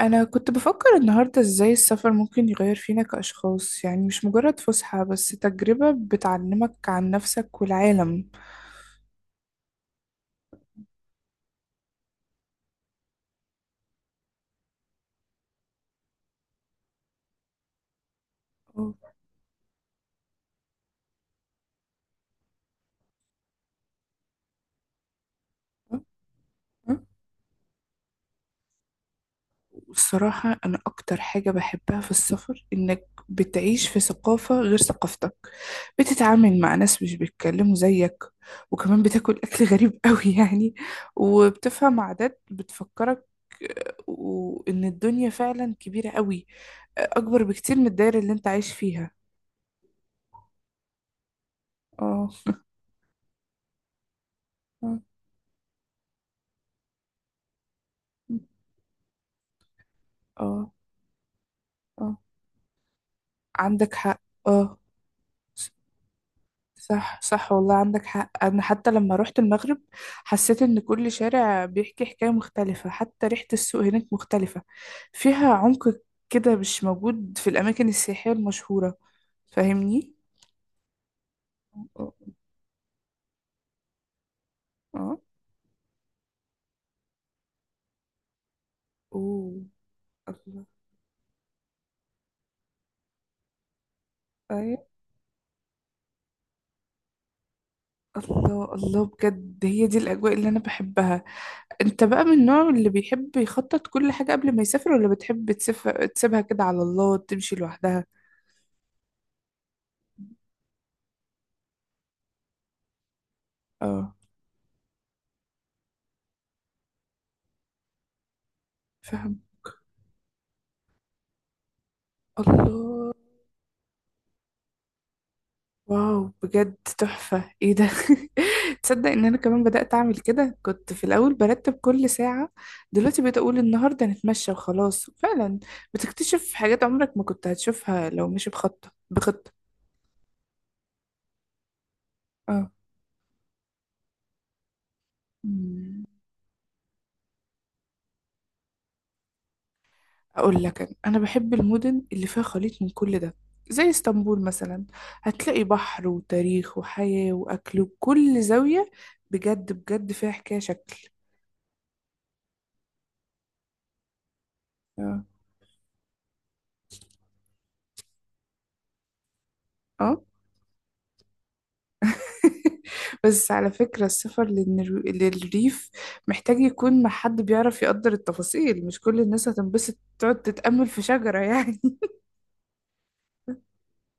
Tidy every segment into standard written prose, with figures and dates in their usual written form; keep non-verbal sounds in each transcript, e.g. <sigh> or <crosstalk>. أنا كنت بفكر النهاردة إزاي السفر ممكن يغير فينا كأشخاص، يعني مش مجرد فسحة بس تجربة بتعلمك عن نفسك والعالم. أه، أه، أه. والصراحة أنا أكتر حاجة بحبها في السفر إنك بتعيش في ثقافة غير ثقافتك، بتتعامل مع ناس مش بيتكلموا زيك، وكمان بتاكل أكل غريب <laughs> قوي يعني، وبتفهم عادات بتفكرك. وإن الدنيا فعلا كبيرة قوي، أكبر بكتير من الدايرة اللي أنت عايش فيها. اه، اه، اه، آه. عندك حق. اه. صح، صح، والله عندك حق، انا حتى لما روحت المغرب حسيت ان كل شارع بيحكي حكاية مختلفة، حتى ريحة السوق هناك مختلفة، فيها عمق كده مش موجود في الاماكن السياحية المشهورة. فاهمني؟ اه، اه. اوه. الله. ايوه. الله، الله، بجد هي دي الاجواء اللي انا بحبها. انت بقى من النوع اللي بيحب يخطط كل حاجة قبل ما يسافر، ولا بتحب تسيبها كده على الله تمشي لوحدها؟ اه. فاهم. الله. واو، بجد تحفة، ايه ده؟ <laughs> تصدق ان انا كمان بدأت اعمل كده؟ كنت في الاول برتب كل ساعة، دلوقتي بقيت اقول النهاردة نتمشى وخلاص. فعلا بتكتشف حاجات عمرك ما كنت هتشوفها لو مش بخطة بخطة. اه. اقول لك، أنا بحب المدن اللي فيها خليط من كل ده، زي اسطنبول مثلا. هتلاقي بحر وتاريخ وحياة واكل، وكل زاوية بجد بجد فيها حكاية شكل. اه. آه. <laughs> بس على فكرة السفر للريف محتاج يكون مع حد بيعرف يقدر التفاصيل، مش كل الناس هتنبسط تقعد تتأمل في شجرة يعني.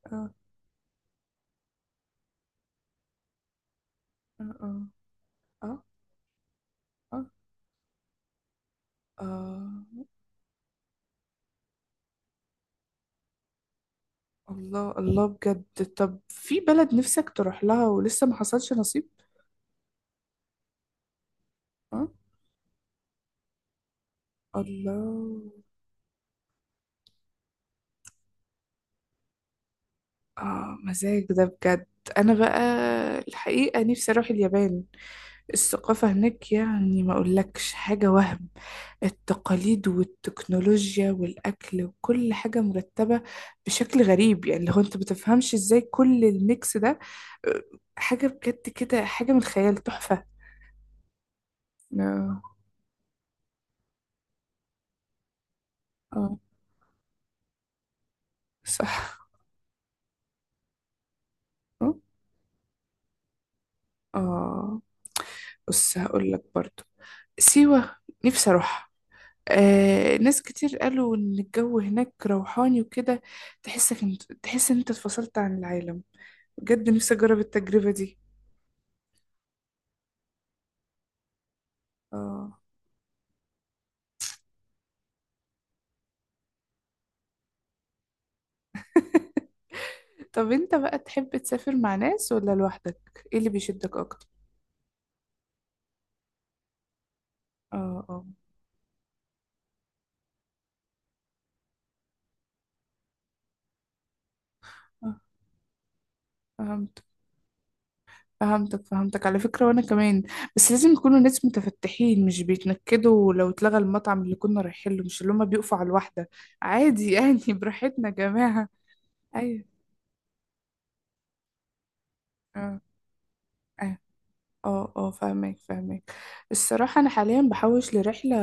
<laughs> اه. اه. اه. اه. آه. الله، الله، بجد. طب في بلد نفسك تروح لها ولسه ما حصلش نصيب؟ آه. الله. اه، مزاج ده بجد. انا بقى الحقيقة نفسي اروح اليابان، الثقافة هناك يعني ما اقولكش حاجة، وهم التقاليد والتكنولوجيا والاكل، وكل حاجة مرتبة بشكل غريب، يعني لو انت بتفهمش ازاي كل الميكس ده. آه، حاجة بجد كده، حاجة من الخيال، تحفة. اه. آه، صح. اه. آه. بص هقولك برضو، سيوة نفسي اروح. ناس كتير قالوا إن الجو هناك روحاني وكده، تحسك انت تحس إن أنت اتفصلت عن العالم. بجد نفسي أجرب التجربة دي. اه. <laughs> طب أنت بقى تحب تسافر مع ناس ولا لوحدك؟ إيه اللي بيشدك أكتر؟ اه، اه. آه، فهمتك. فهمتك، فهمتك، على فكرة وأنا كمان، بس لازم يكونوا ناس متفتحين، مش بيتنكدوا لو اتلغى المطعم اللي كنا رايحين له، مش اللي هما بيقفوا على الواحدة، عادي يعني. <laughs> براحتنا يا جماعة. أيوه. اه. آه. اه، اه، فاهمك، فاهمك. الصراحة أنا حاليا بحوش لرحلة،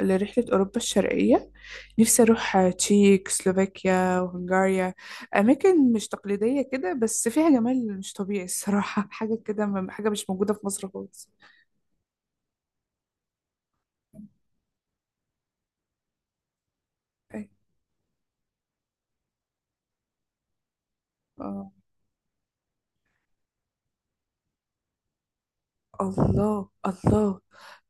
لرحلة أوروبا الشرقية، نفسي أروح تشيك، سلوفاكيا، وهنغاريا. أماكن مش تقليدية كده، بس فيها جمال مش طبيعي الصراحة. <laughs> حاجة كده، حاجة مش موجودة في مصر خالص. أي- اه. الله، الله.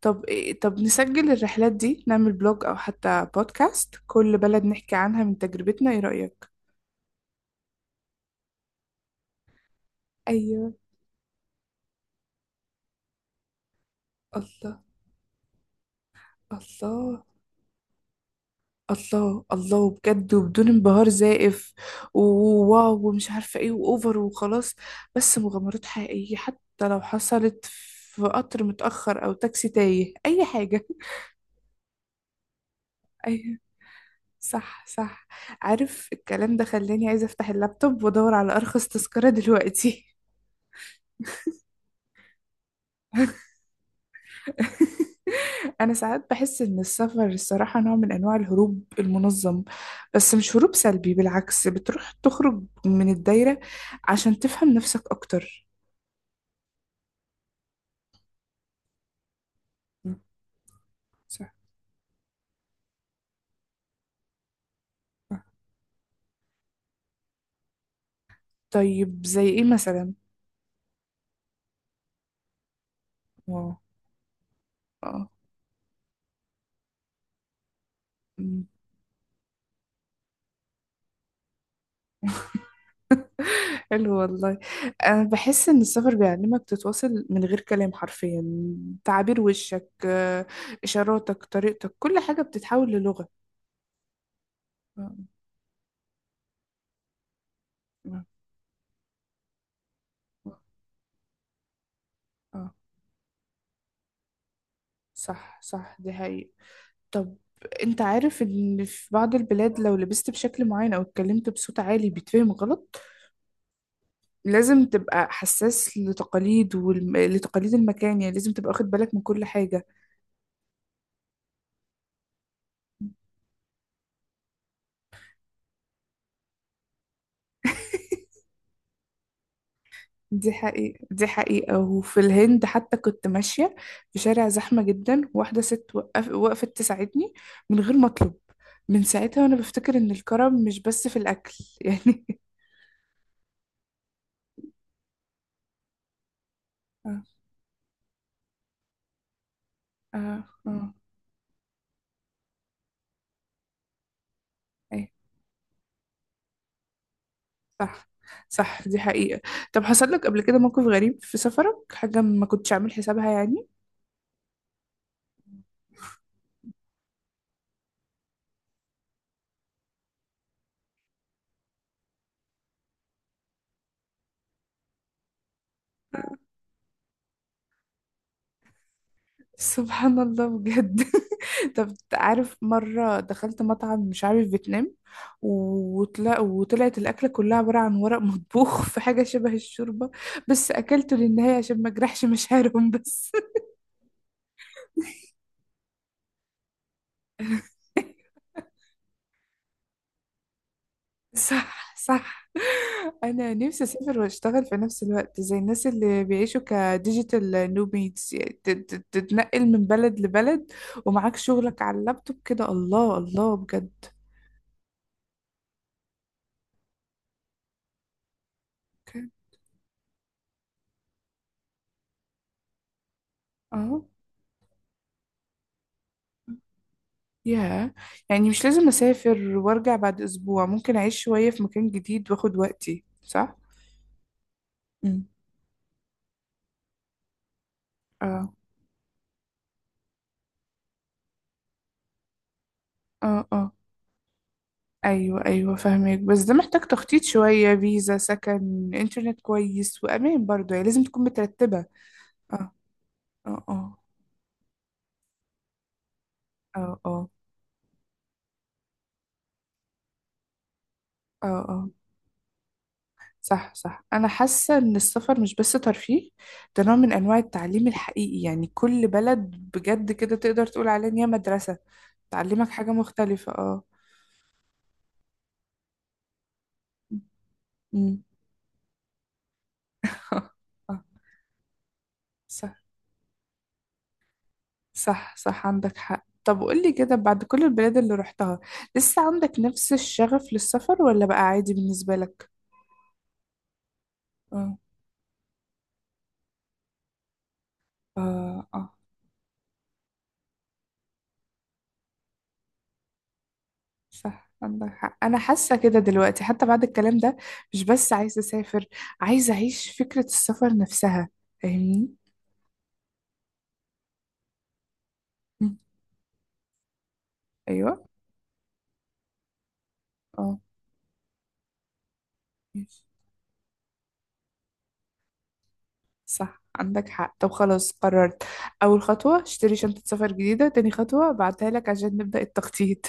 طب طب نسجل الرحلات دي، نعمل بلوج أو حتى بودكاست، كل بلد نحكي عنها من تجربتنا، إيه رأيك؟ أيوه. الله. الله. الله، الله، بجد، وبدون انبهار زائف، وواو ومش عارفة ايه، واوفر وخلاص. بس مغامرات حقيقية، حتى لو حصلت في قطر متأخر او تاكسي تايه، اي حاجة. <laughs> اي. صح، صح. عارف الكلام ده خلاني عايزة افتح اللابتوب وادور على ارخص تذكرة دلوقتي. <laughs> انا ساعات بحس ان السفر الصراحة نوع من انواع الهروب المنظم، بس مش هروب سلبي، بالعكس، بتروح تخرج من الدايرة عشان تفهم نفسك اكتر. صح. طيب زي ايه مثلا؟ واو. اه. أمم. حلو والله. انا بحس ان السفر بيعلمك تتواصل من غير كلام حرفيا، تعابير وشك، اشاراتك، طريقتك، كل حاجة بتتحول للغة. آه. آه. آه. صح، صح، دي حقيقة. طب، انت عارف ان في بعض البلاد لو لبست بشكل معين او اتكلمت بصوت عالي بيتفهم غلط، لازم تبقى حساس لتقاليد، ولتقاليد المكان، يعني لازم تبقى واخد بالك من كل حاجة. دي حقيقة، دي حقيقة. وفي الهند حتى كنت ماشية في شارع زحمة جدا، واحدة ست وقفت تساعدني من غير ما أطلب. من ساعتها وأنا بفتكر إن الكرم مش بس في الأكل. <laughs> يعني اه، اه. اه. ايه. صح. صح، دي حقيقة. طب حصل لك قبل كده موقف غريب في سفرك، حاجة ما كنتش عامل حسابها يعني؟ سبحان الله بجد. <laughs> طب عارف مرة دخلت مطعم مش عارف فيتنام، وطلعت الأكلة كلها عبارة عن ورق مطبوخ <laughs> في حاجة شبه الشوربة، بس أكلته للنهاية عشان ما أجرحش مشاعرهم بس. <laughs> صح، صح. أنا نفسي أسافر وأشتغل في نفس الوقت، زي الناس اللي بيعيشوا كديجيتال نوميدز يعني، تتنقل من بلد لبلد ومعاك شغلك على اللابتوب كده. الله، الله، بجد. أوكي. أه. ياه. يعني مش لازم أسافر وأرجع بعد أسبوع، ممكن أعيش شوية في مكان جديد وأخد وقتي، صح؟ مم. اه، اه. اه. أيوه، أيوه، فاهمك، بس ده محتاج تخطيط شوية، فيزا، سكن، إنترنت كويس، وأمان برضه، يعني لازم تكون مترتبة. اه، اه. اه، اه. اه، اه. اه. صح، صح. أنا حاسة إن السفر مش بس ترفيه، ده نوع من أنواع التعليم الحقيقي، يعني كل بلد بجد كده تقدر تقول عليها إن هي مدرسة تعلمك حاجة مختلفة. اه. آه. آه. صح. صح، صح، عندك حق. طب قولي كده، بعد كل البلاد اللي رحتها، لسه عندك نفس الشغف للسفر ولا بقى عادي بالنسبة لك؟ اه، اه. اه. صح عندك حق، انا حاسة كده دلوقتي حتى بعد الكلام ده، مش بس عايزة اسافر، عايزة اعيش فكرة السفر نفسها. فاهمني؟ مم. ايوه. اه. ماشي. صح عندك حق. طب خلاص، قررت، اول خطوة اشتري شنطة سفر جديدة، تاني خطوة بعتها لك عشان نبدأ التخطيط.